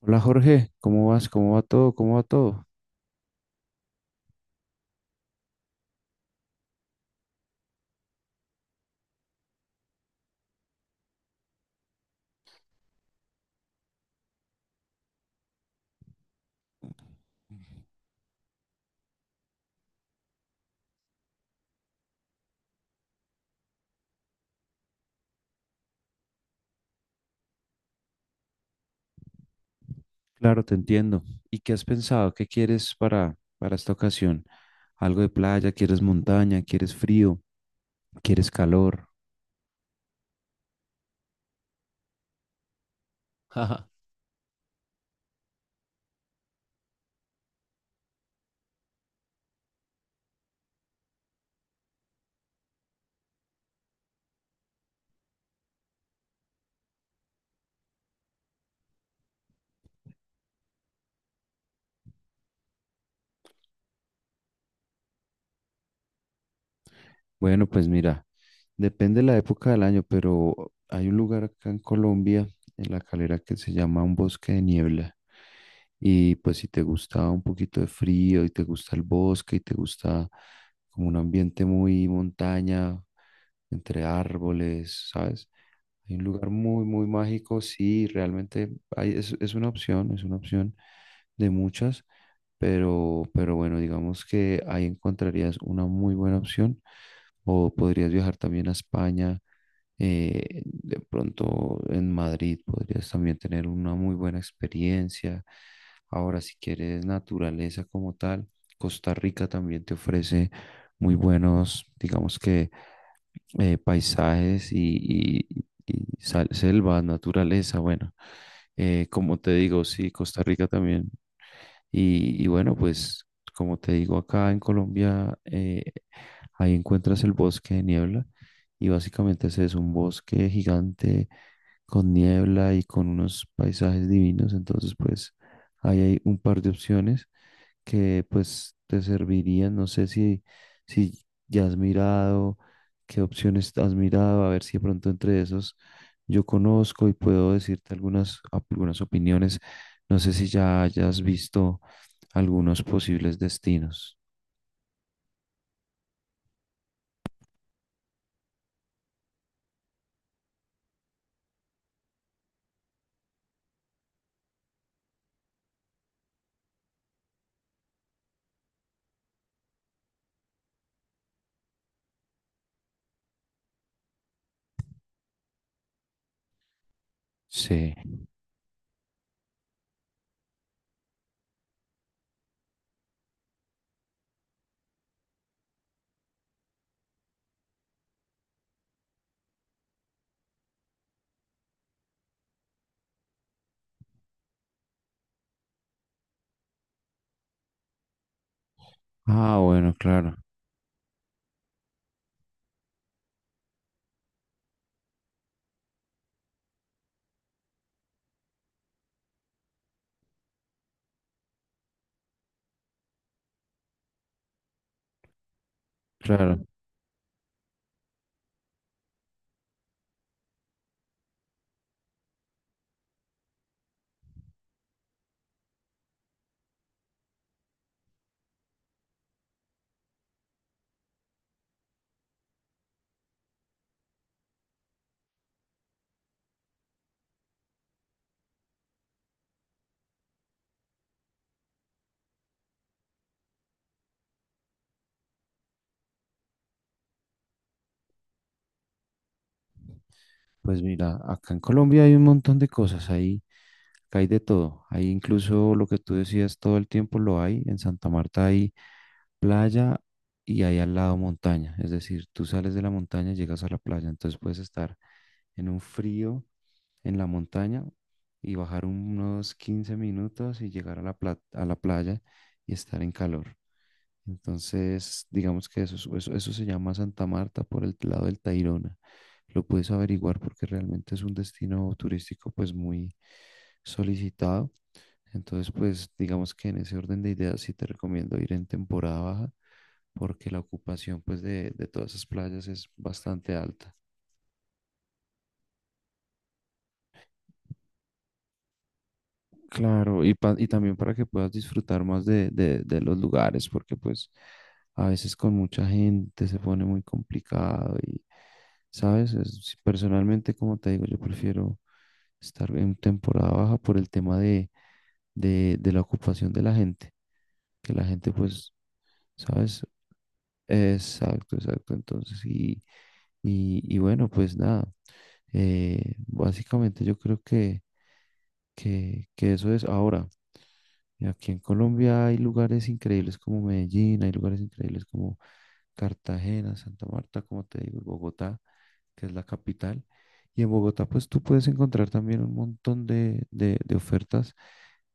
Hola Jorge, ¿cómo vas? ¿Cómo va todo? ¿Cómo va todo? Claro, te entiendo. ¿Y qué has pensado? ¿Qué quieres para esta ocasión? ¿Algo de playa? ¿Quieres montaña? ¿Quieres frío? ¿Quieres calor? Ajá. Bueno, pues mira, depende de la época del año, pero hay un lugar acá en Colombia, en La Calera, que se llama un bosque de niebla. Y pues si te gusta un poquito de frío y te gusta el bosque y te gusta como un ambiente muy montaña, entre árboles, ¿sabes? Hay un lugar muy, muy mágico, sí, realmente es una opción de muchas, pero bueno, digamos que ahí encontrarías una muy buena opción o podrías viajar también a España, de pronto en Madrid podrías también tener una muy buena experiencia. Ahora, si quieres naturaleza como tal, Costa Rica también te ofrece muy buenos, digamos que paisajes y selva, naturaleza, bueno, como te digo, sí, Costa Rica también. Y bueno, pues como te digo, acá en Colombia, ahí encuentras el bosque de niebla y básicamente ese es un bosque gigante con niebla y con unos paisajes divinos, entonces pues ahí hay un par de opciones que pues te servirían, no sé si ya has mirado. ¿Qué opciones has mirado? A ver si de pronto entre esos yo conozco y puedo decirte algunas, algunas opiniones. No sé si ya hayas visto algunos posibles destinos. Sí. Ah, bueno, claro, claro. Pues mira, acá en Colombia hay un montón de cosas, ahí, acá hay de todo. Ahí incluso lo que tú decías todo el tiempo lo hay. En Santa Marta hay playa y hay al lado montaña. Es decir, tú sales de la montaña y llegas a la playa. Entonces puedes estar en un frío en la montaña y bajar unos 15 minutos y llegar a a la playa y estar en calor. Entonces, digamos que eso, eso se llama Santa Marta por el lado del Tayrona. Lo puedes averiguar porque realmente es un destino turístico pues muy solicitado. Entonces, pues digamos que en ese orden de ideas sí te recomiendo ir en temporada baja porque la ocupación pues de todas esas playas es bastante alta. Claro, y también para que puedas disfrutar más de los lugares, porque pues a veces con mucha gente se pone muy complicado y, ¿sabes? Personalmente, como te digo, yo prefiero estar en temporada baja por el tema de la ocupación de la gente, que la gente pues, ¿sabes? Exacto, exacto. Entonces, y bueno, pues nada, básicamente yo creo que eso es ahora. Y aquí en Colombia hay lugares increíbles como Medellín, hay lugares increíbles como Cartagena, Santa Marta, como te digo, Bogotá, que es la capital. Y en Bogotá, pues tú puedes encontrar también un montón de ofertas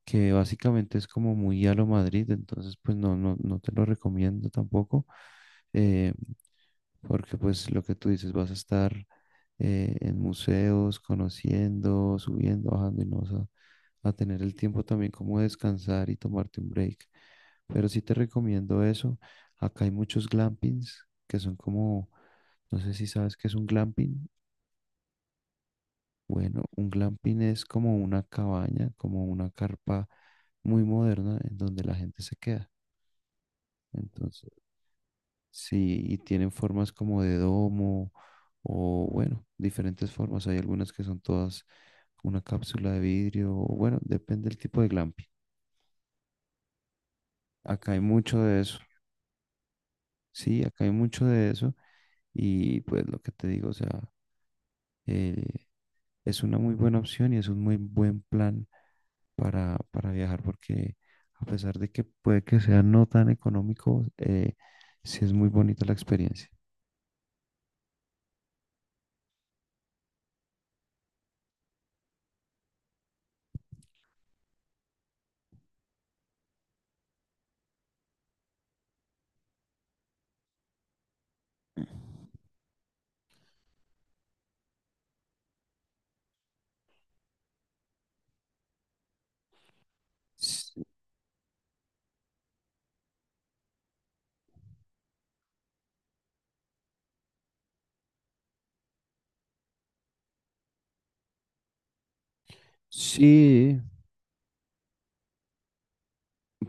que básicamente es como muy a lo Madrid, entonces pues no te lo recomiendo tampoco. Eh, Porque pues lo que tú dices, vas a estar en museos, conociendo, subiendo, bajando y no a tener el tiempo también como de descansar y tomarte un break. Pero sí te recomiendo eso. Acá hay muchos glampings que son como, no sé si sabes qué es un glamping. Bueno, un glamping es como una cabaña, como una carpa muy moderna en donde la gente se queda. Entonces, sí, y tienen formas como de domo o bueno, diferentes formas. Hay algunas que son todas una cápsula de vidrio o bueno, depende del tipo de glamping. Acá hay mucho de eso. Sí, acá hay mucho de eso y pues lo que te digo, o sea, eh, es una muy buena opción y es un muy buen plan para viajar porque a pesar de que puede que sea no tan económico, sí es muy bonita la experiencia. S- Sí,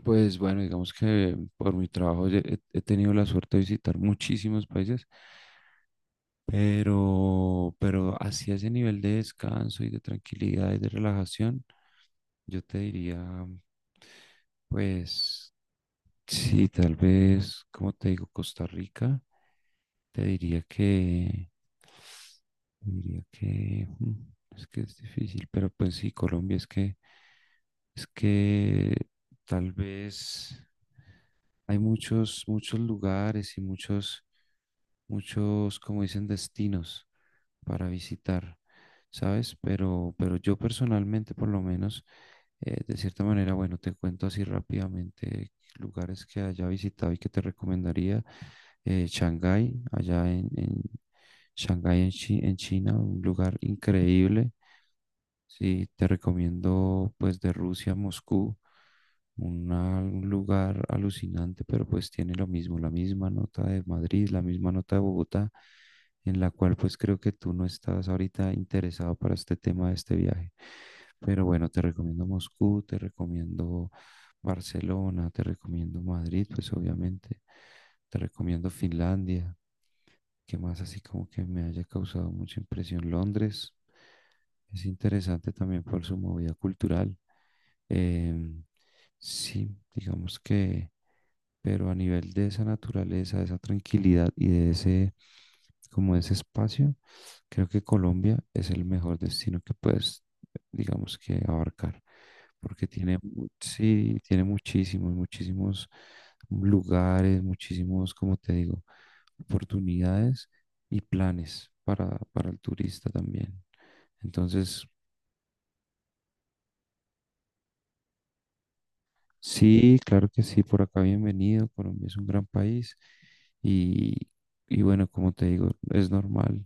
pues bueno, digamos que por mi trabajo he tenido la suerte de visitar muchísimos países, pero así a ese nivel de descanso y de tranquilidad y de relajación, yo te diría, pues sí, tal vez, como te digo, Costa Rica, te diría que, te diría que es que es difícil, pero pues sí, Colombia es que tal vez hay muchos, muchos lugares y muchos, muchos, como dicen, destinos para visitar, ¿sabes? Pero yo personalmente, por lo menos, de cierta manera, bueno, te cuento así rápidamente lugares que haya visitado y que te recomendaría. Shanghái, allá en Shanghái, en China, un lugar increíble. Sí, te recomiendo pues de Rusia a Moscú, un lugar alucinante, pero pues tiene lo mismo, la misma nota de Madrid, la misma nota de Bogotá, en la cual pues creo que tú no estás ahorita interesado para este tema de este viaje. Pero bueno, te recomiendo Moscú, te recomiendo Barcelona, te recomiendo Madrid, pues obviamente, te recomiendo Finlandia. ¿Qué más así como que me haya causado mucha impresión? Londres es interesante también por su movida cultural. Em, sí, digamos que pero a nivel de esa naturaleza, de esa tranquilidad y de ese, como ese espacio, creo que Colombia es el mejor destino que puedes, digamos que abarcar, porque tiene, sí, tiene muchísimos, muchísimos lugares, muchísimos, como te digo, oportunidades y planes para el turista también. Entonces, sí, claro que sí, por acá bienvenido. Colombia es un gran país y, y bueno, como te digo,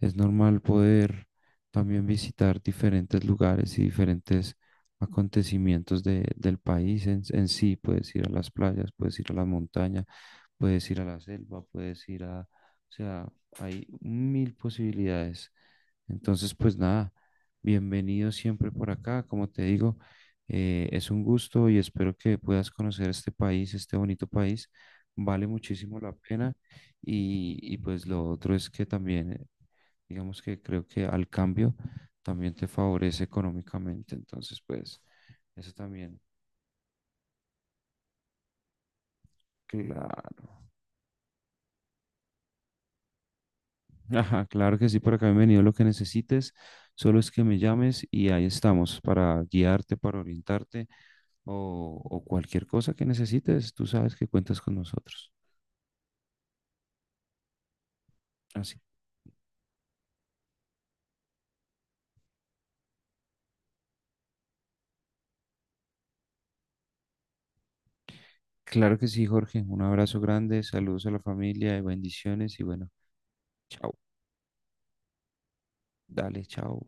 es normal poder también visitar diferentes lugares y diferentes acontecimientos del país en sí. Puedes ir a las playas, puedes ir a las montañas, puedes ir a la selva, puedes ir a, o sea, hay mil posibilidades. Entonces, pues nada, bienvenido siempre por acá, como te digo, es un gusto y espero que puedas conocer este país, este bonito país, vale muchísimo la pena y pues lo otro es que también, digamos que creo que al cambio también te favorece económicamente, entonces pues eso también. Claro, ajá, claro que sí, por acá bienvenido lo que necesites, solo es que me llames y ahí estamos para guiarte, para orientarte o cualquier cosa que necesites, tú sabes que cuentas con nosotros. Así, claro que sí, Jorge, un abrazo grande, saludos a la familia y bendiciones y bueno, chao, dale, chao.